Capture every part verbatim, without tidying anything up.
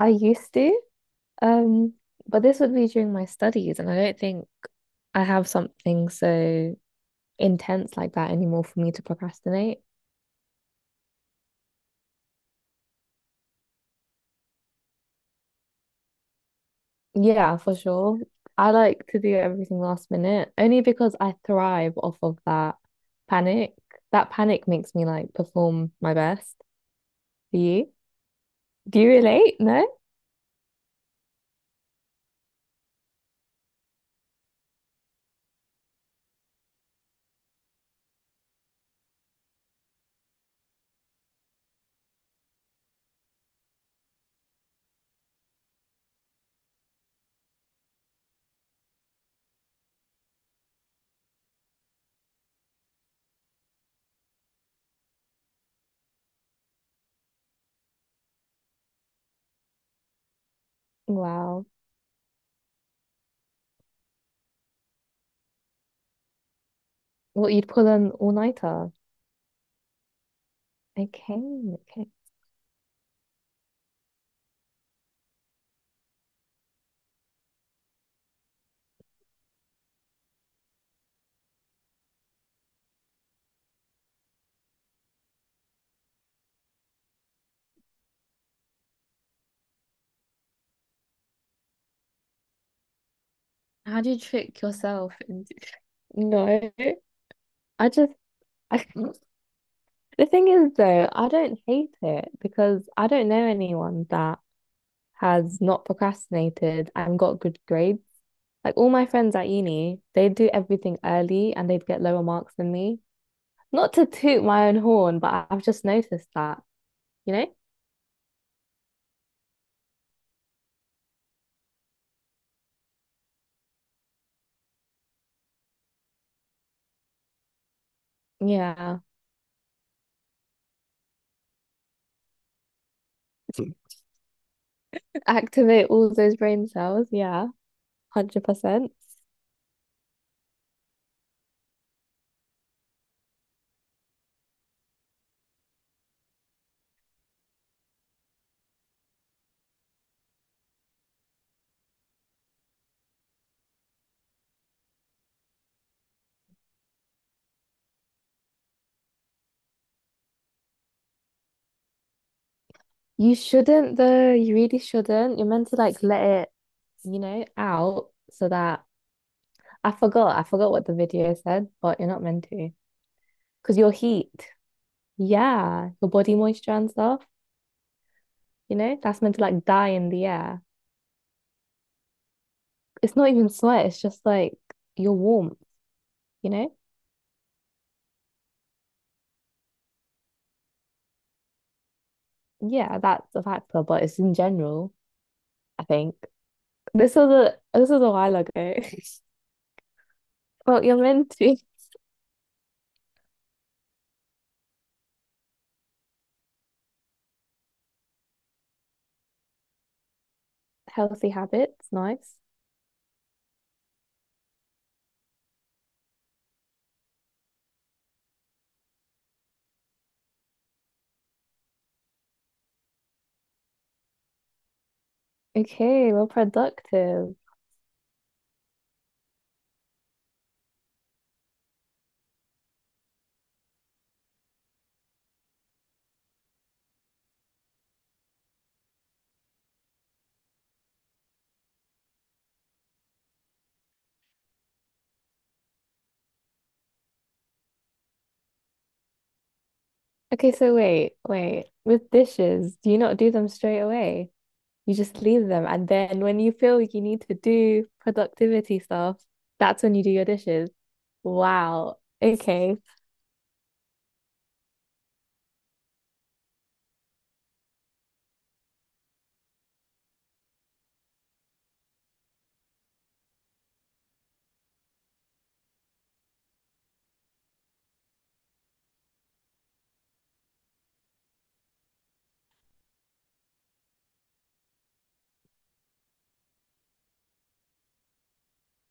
I used to, um, but this would be during my studies, and I don't think I have something so intense like that anymore for me to procrastinate. Yeah, for sure. I like to do everything last minute only because I thrive off of that panic. That panic makes me like perform my best. Do you? Do you relate? No? Wow. What, you'd pull an all-nighter? Okay, okay. How do you trick yourself into... No, I just I the thing is, though, I don't hate it because I don't know anyone that has not procrastinated and got good grades. Like all my friends at uni, they'd do everything early and they'd get lower marks than me. Not to toot my own horn, but I- I've just noticed that, you know? Yeah. Activate all those brain cells. Yeah, one hundred percent. You shouldn't, though. You really shouldn't. You're meant to like let it, you know, out so that... I forgot. I forgot what the video said, but you're not meant to. Because your heat, yeah, your body moisture and stuff, you know, that's meant to like die in the air. It's not even sweat, it's just like your warmth, you know? Yeah, that's a factor, but it's in general, I think. This was a this was a while ago. Well, you're meant to. Healthy habits, nice. Okay, well, productive. Okay, so wait, wait. With dishes, do you not do them straight away? You just leave them. And then when you feel like you need to do productivity stuff, that's when you do your dishes. Wow. Okay.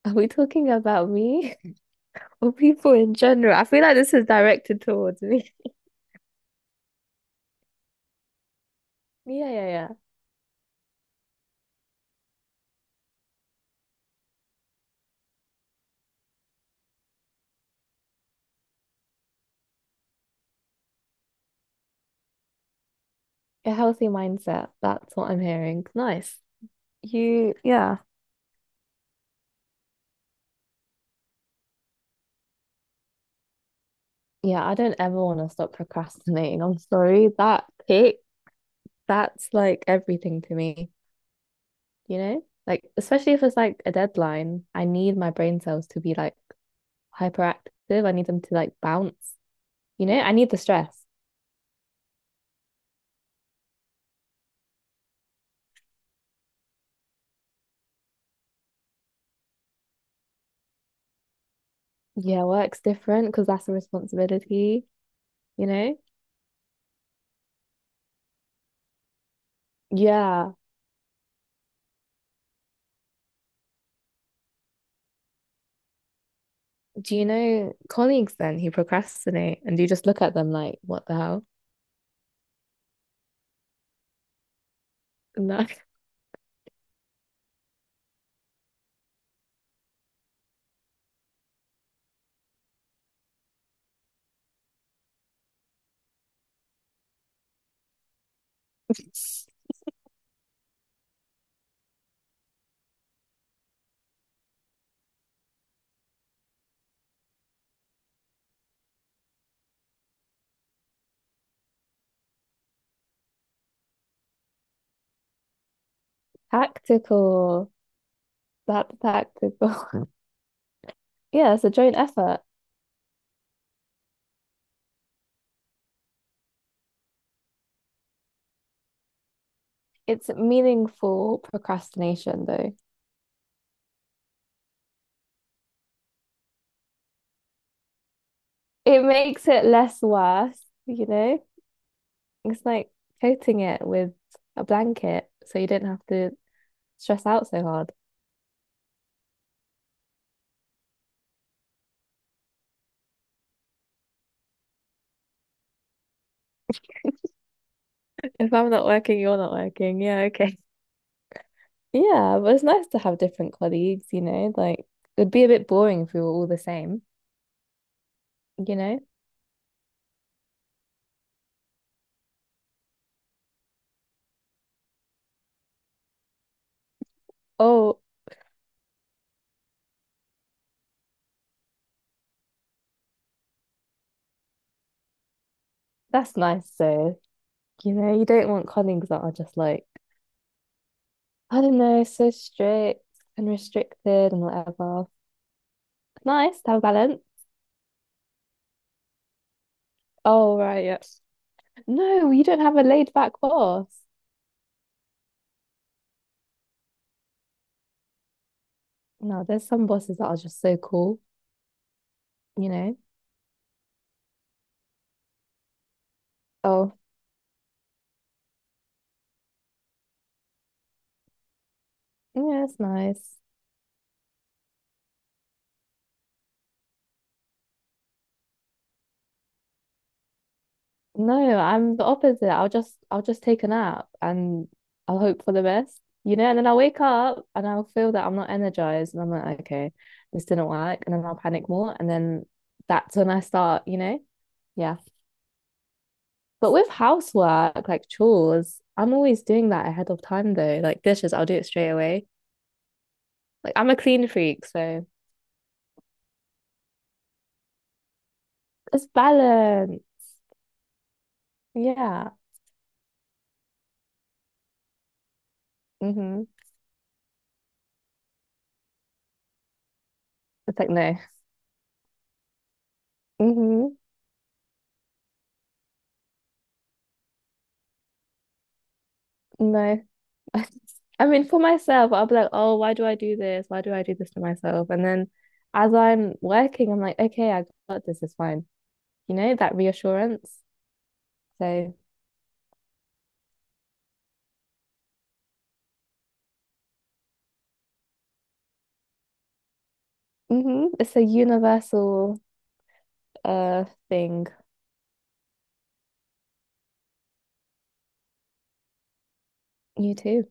Are we talking about me or people in general? I feel like this is directed towards me. Yeah, yeah, yeah. A healthy mindset. That's what I'm hearing. Nice. You, yeah. Yeah, I don't ever want to stop procrastinating. I'm sorry. That kick, that's like everything to me, you know? Like, especially if it's like a deadline, I need my brain cells to be like hyperactive. I need them to like bounce, you know? I need the stress. Yeah, work's different because that's a responsibility, you know? Yeah. Do you know colleagues then who procrastinate and you just look at them like, what the hell? No. Tactical. That's tactical. Yeah, it's a joint effort. It's meaningful procrastination, though. It makes it less worse, you know? It's like coating it with a blanket so you do not have to stress out so hard. If I'm not working, you're not working. Yeah, okay. Yeah, but it's nice to have different colleagues, you know, like it'd be a bit boring if we were all the same, you know? Oh, that's nice though. You know, you don't want colleagues that are just like, I don't know, so strict and restricted and whatever. Nice to have a balance. Oh, right, yeah. No, you don't have a laid back boss. No, there's some bosses that are just so cool, you know? Oh, yeah, it's nice. No, I'm the opposite. I'll just I'll just take a nap and I'll hope for the best, you know, and then I'll wake up and I'll feel that I'm not energized and I'm like, okay, this didn't work, and then I'll panic more and then that's when I start, you know? Yeah. But with housework, like chores, I'm always doing that ahead of time though. Like dishes, I'll do it straight away. Like I'm a clean freak, so it's balance. Yeah. Mm-hmm. It's like no. Mm-hmm. No. I mean, for myself, I'll be like, oh, why do I do this? Why do I do this to myself? And then as I'm working, I'm like, okay, I got this, it's fine. You know, that reassurance. So, mhm, it's a universal uh thing. You too.